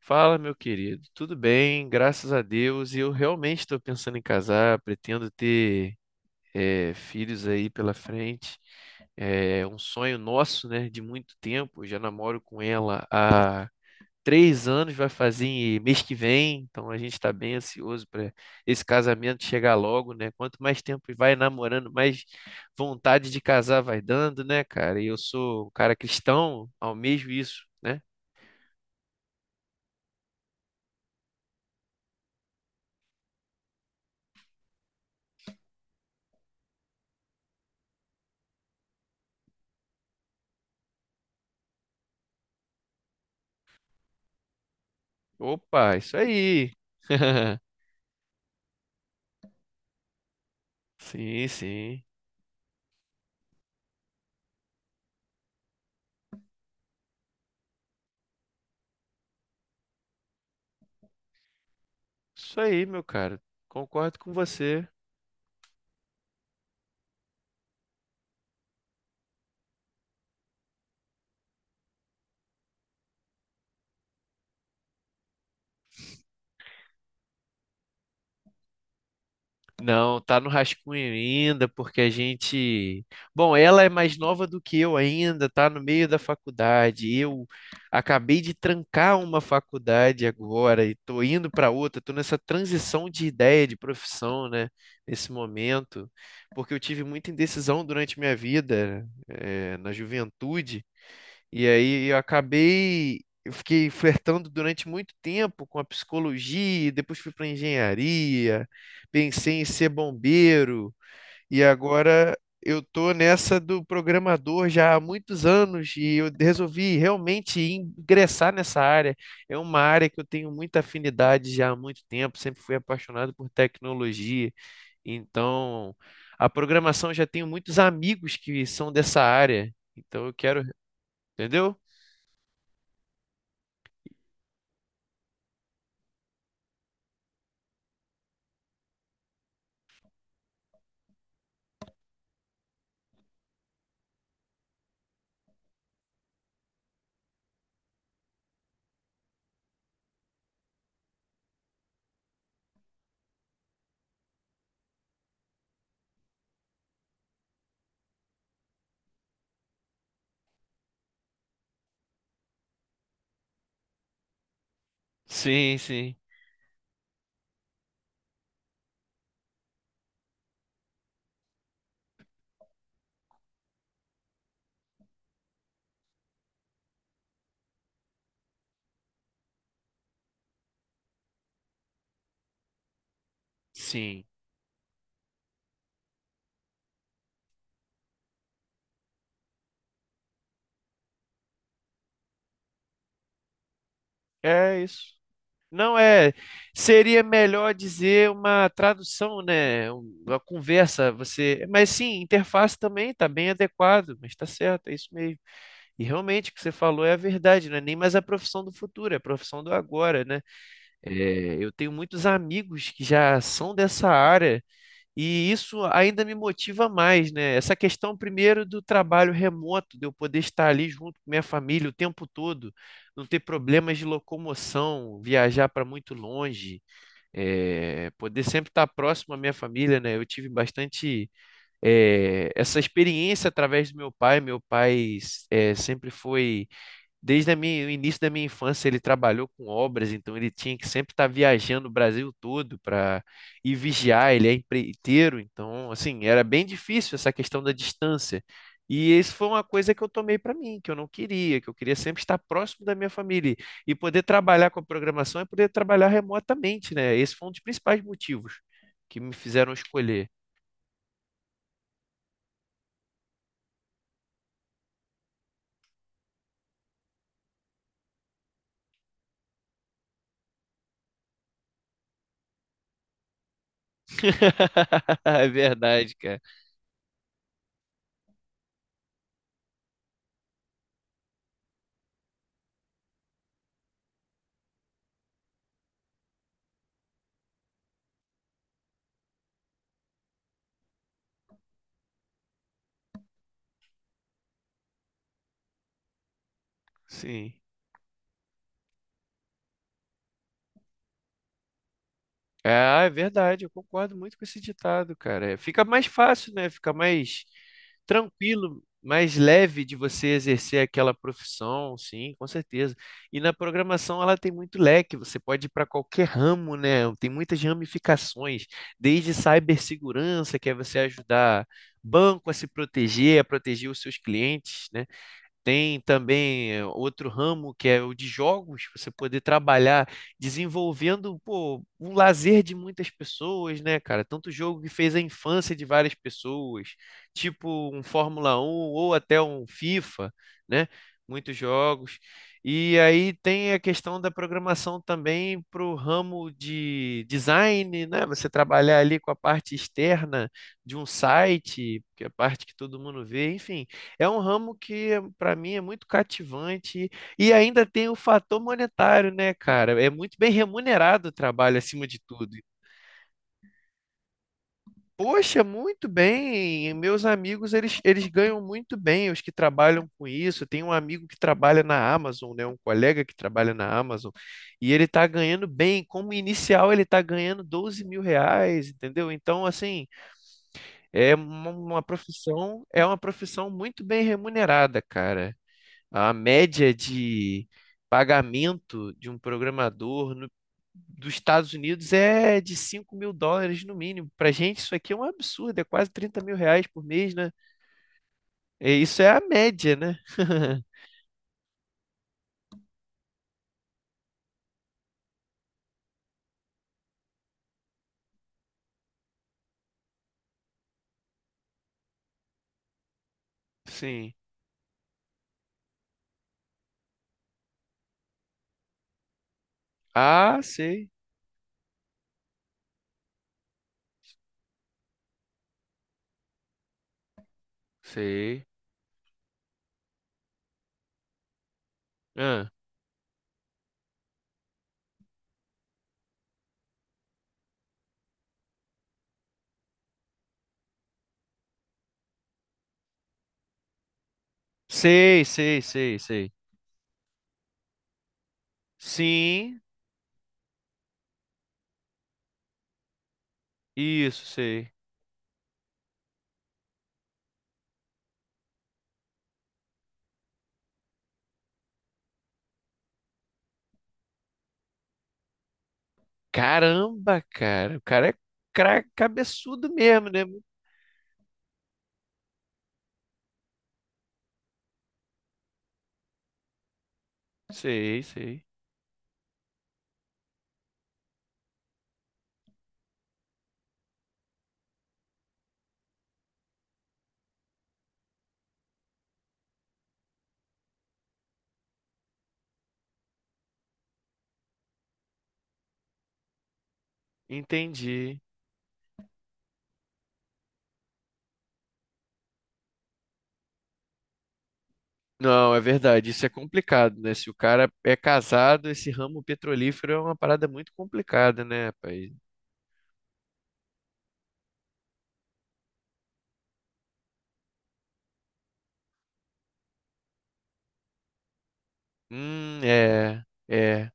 Fala, meu querido. Tudo bem, graças a Deus. E eu realmente estou pensando em casar, pretendo ter filhos aí pela frente. É um sonho nosso, né, de muito tempo. Eu já namoro com ela há 3 anos, vai fazer mês que vem. Então a gente está bem ansioso para esse casamento chegar logo, né? Quanto mais tempo vai namorando, mais vontade de casar vai dando, né, cara? E eu sou um cara cristão, almejo isso, né? Opa, isso aí. Sim, sim. Isso aí, meu cara. Concordo com você. Não, tá no rascunho ainda, porque a gente. Bom, ela é mais nova do que eu ainda, tá no meio da faculdade. Eu acabei de trancar uma faculdade agora e tô indo para outra, tô nessa transição de ideia, de profissão, né? Nesse momento, porque eu tive muita indecisão durante minha vida, na juventude. E aí eu acabei, eu fiquei flertando durante muito tempo com a psicologia, depois fui para engenharia, pensei em ser bombeiro e agora eu tô nessa do programador já há muitos anos e eu resolvi realmente ingressar nessa área. É uma área que eu tenho muita afinidade já há muito tempo, sempre fui apaixonado por tecnologia. Então, a programação, já tenho muitos amigos que são dessa área. Então eu quero, entendeu? Sim, sim, sim. É isso. Não é. Seria melhor dizer uma tradução, né? Uma conversa. Você. Mas sim, interface também está bem adequado, mas está certo, é isso mesmo. E realmente o que você falou é a verdade, não é nem mais a profissão do futuro, é a profissão do agora, né? É, eu tenho muitos amigos que já são dessa área. E isso ainda me motiva mais, né? Essa questão, primeiro, do trabalho remoto, de eu poder estar ali junto com minha família o tempo todo, não ter problemas de locomoção, viajar para muito longe, poder sempre estar próximo à minha família, né? Eu tive bastante, essa experiência através do meu pai. Meu pai, eh, sempre foi Desde o início da minha infância, ele trabalhou com obras, então ele tinha que sempre estar viajando o Brasil todo para ir vigiar. Ele é empreiteiro, então, assim, era bem difícil essa questão da distância. E isso foi uma coisa que eu tomei para mim, que eu não queria, que eu queria sempre estar próximo da minha família. E poder trabalhar com a programação é poder trabalhar remotamente, né? Esse foi um dos principais motivos que me fizeram escolher. É verdade, cara. Sim. Ah, é verdade, eu concordo muito com esse ditado, cara. É, fica mais fácil, né? Fica mais tranquilo, mais leve de você exercer aquela profissão, sim, com certeza. E na programação ela tem muito leque, você pode ir para qualquer ramo, né? Tem muitas ramificações, desde cibersegurança, que é você ajudar banco a se proteger, a proteger os seus clientes, né? Tem também, outro ramo que é o de jogos, você poder trabalhar desenvolvendo, pô, um lazer de muitas pessoas, né, cara? Tanto jogo que fez a infância de várias pessoas, tipo um Fórmula 1 ou até um FIFA, né? Muitos jogos. E aí tem a questão da programação também para o ramo de design, né? Você trabalhar ali com a parte externa de um site, que é a parte que todo mundo vê, enfim. É um ramo que, para mim, é muito cativante e ainda tem o fator monetário, né, cara? É muito bem remunerado o trabalho, acima de tudo. Poxa, muito bem. Meus amigos, eles ganham muito bem, os que trabalham com isso. Tem um amigo que trabalha na Amazon, né? Um colega que trabalha na Amazon, e ele tá ganhando bem. Como inicial, ele tá ganhando 12 mil reais, entendeu? Então, assim, é uma profissão, é uma profissão muito bem remunerada, cara. A média de pagamento de um programador dos Estados Unidos é de US$ 5.000 no mínimo. Para gente, isso aqui é um absurdo, é quase 30 mil reais por mês, né? É, isso é a média, né? Sim. Ah, sei. Sei. Ah, sei, sei, sei, sei. Sim, isso, sei. Caramba, cara. O cara é cabeçudo mesmo, né? Sei, sei. Entendi. Não, é verdade, isso é complicado, né? Se o cara é casado, esse ramo petrolífero é uma parada muito complicada, né, rapaz? É, é.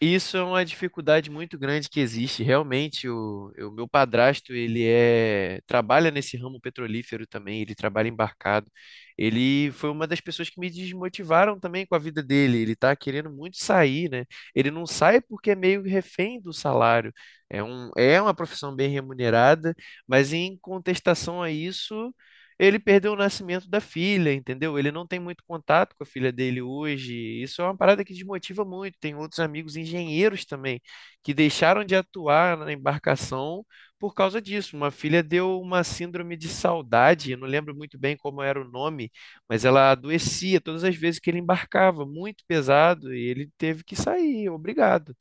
Isso é uma dificuldade muito grande que existe. Realmente, o meu padrasto, trabalha nesse ramo petrolífero também, ele trabalha embarcado. Ele foi uma das pessoas que me desmotivaram também com a vida dele. Ele está querendo muito sair, né? Ele não sai porque é meio refém do salário. É uma profissão bem remunerada, mas em contestação a isso, ele perdeu o nascimento da filha, entendeu? Ele não tem muito contato com a filha dele hoje. Isso é uma parada que desmotiva muito. Tem outros amigos engenheiros também que deixaram de atuar na embarcação por causa disso. Uma filha deu uma síndrome de saudade, eu não lembro muito bem como era o nome, mas ela adoecia todas as vezes que ele embarcava, muito pesado, e ele teve que sair, obrigado.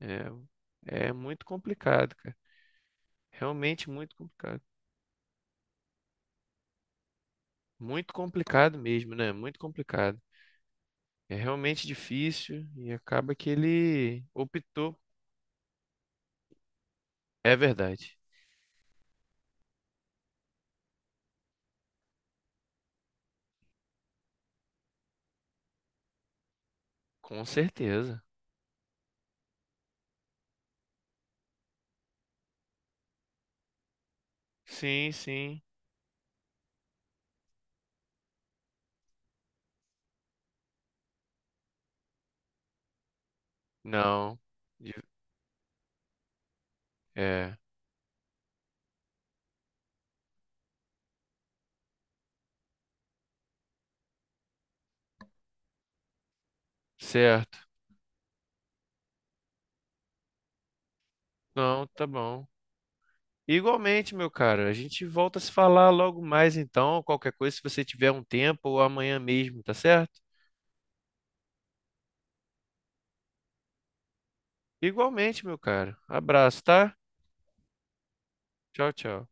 É, é muito complicado, cara. Realmente muito complicado. Muito complicado mesmo, né? Muito complicado. É realmente difícil e acaba que ele optou. É verdade. Com certeza. Sim, sim. Não. De- É. Certo. Não, tá bom. Igualmente, meu cara, a gente volta a se falar logo mais então, qualquer coisa, se você tiver um tempo ou amanhã mesmo, tá certo? Igualmente, meu cara. Abraço, tá? Tchau, tchau.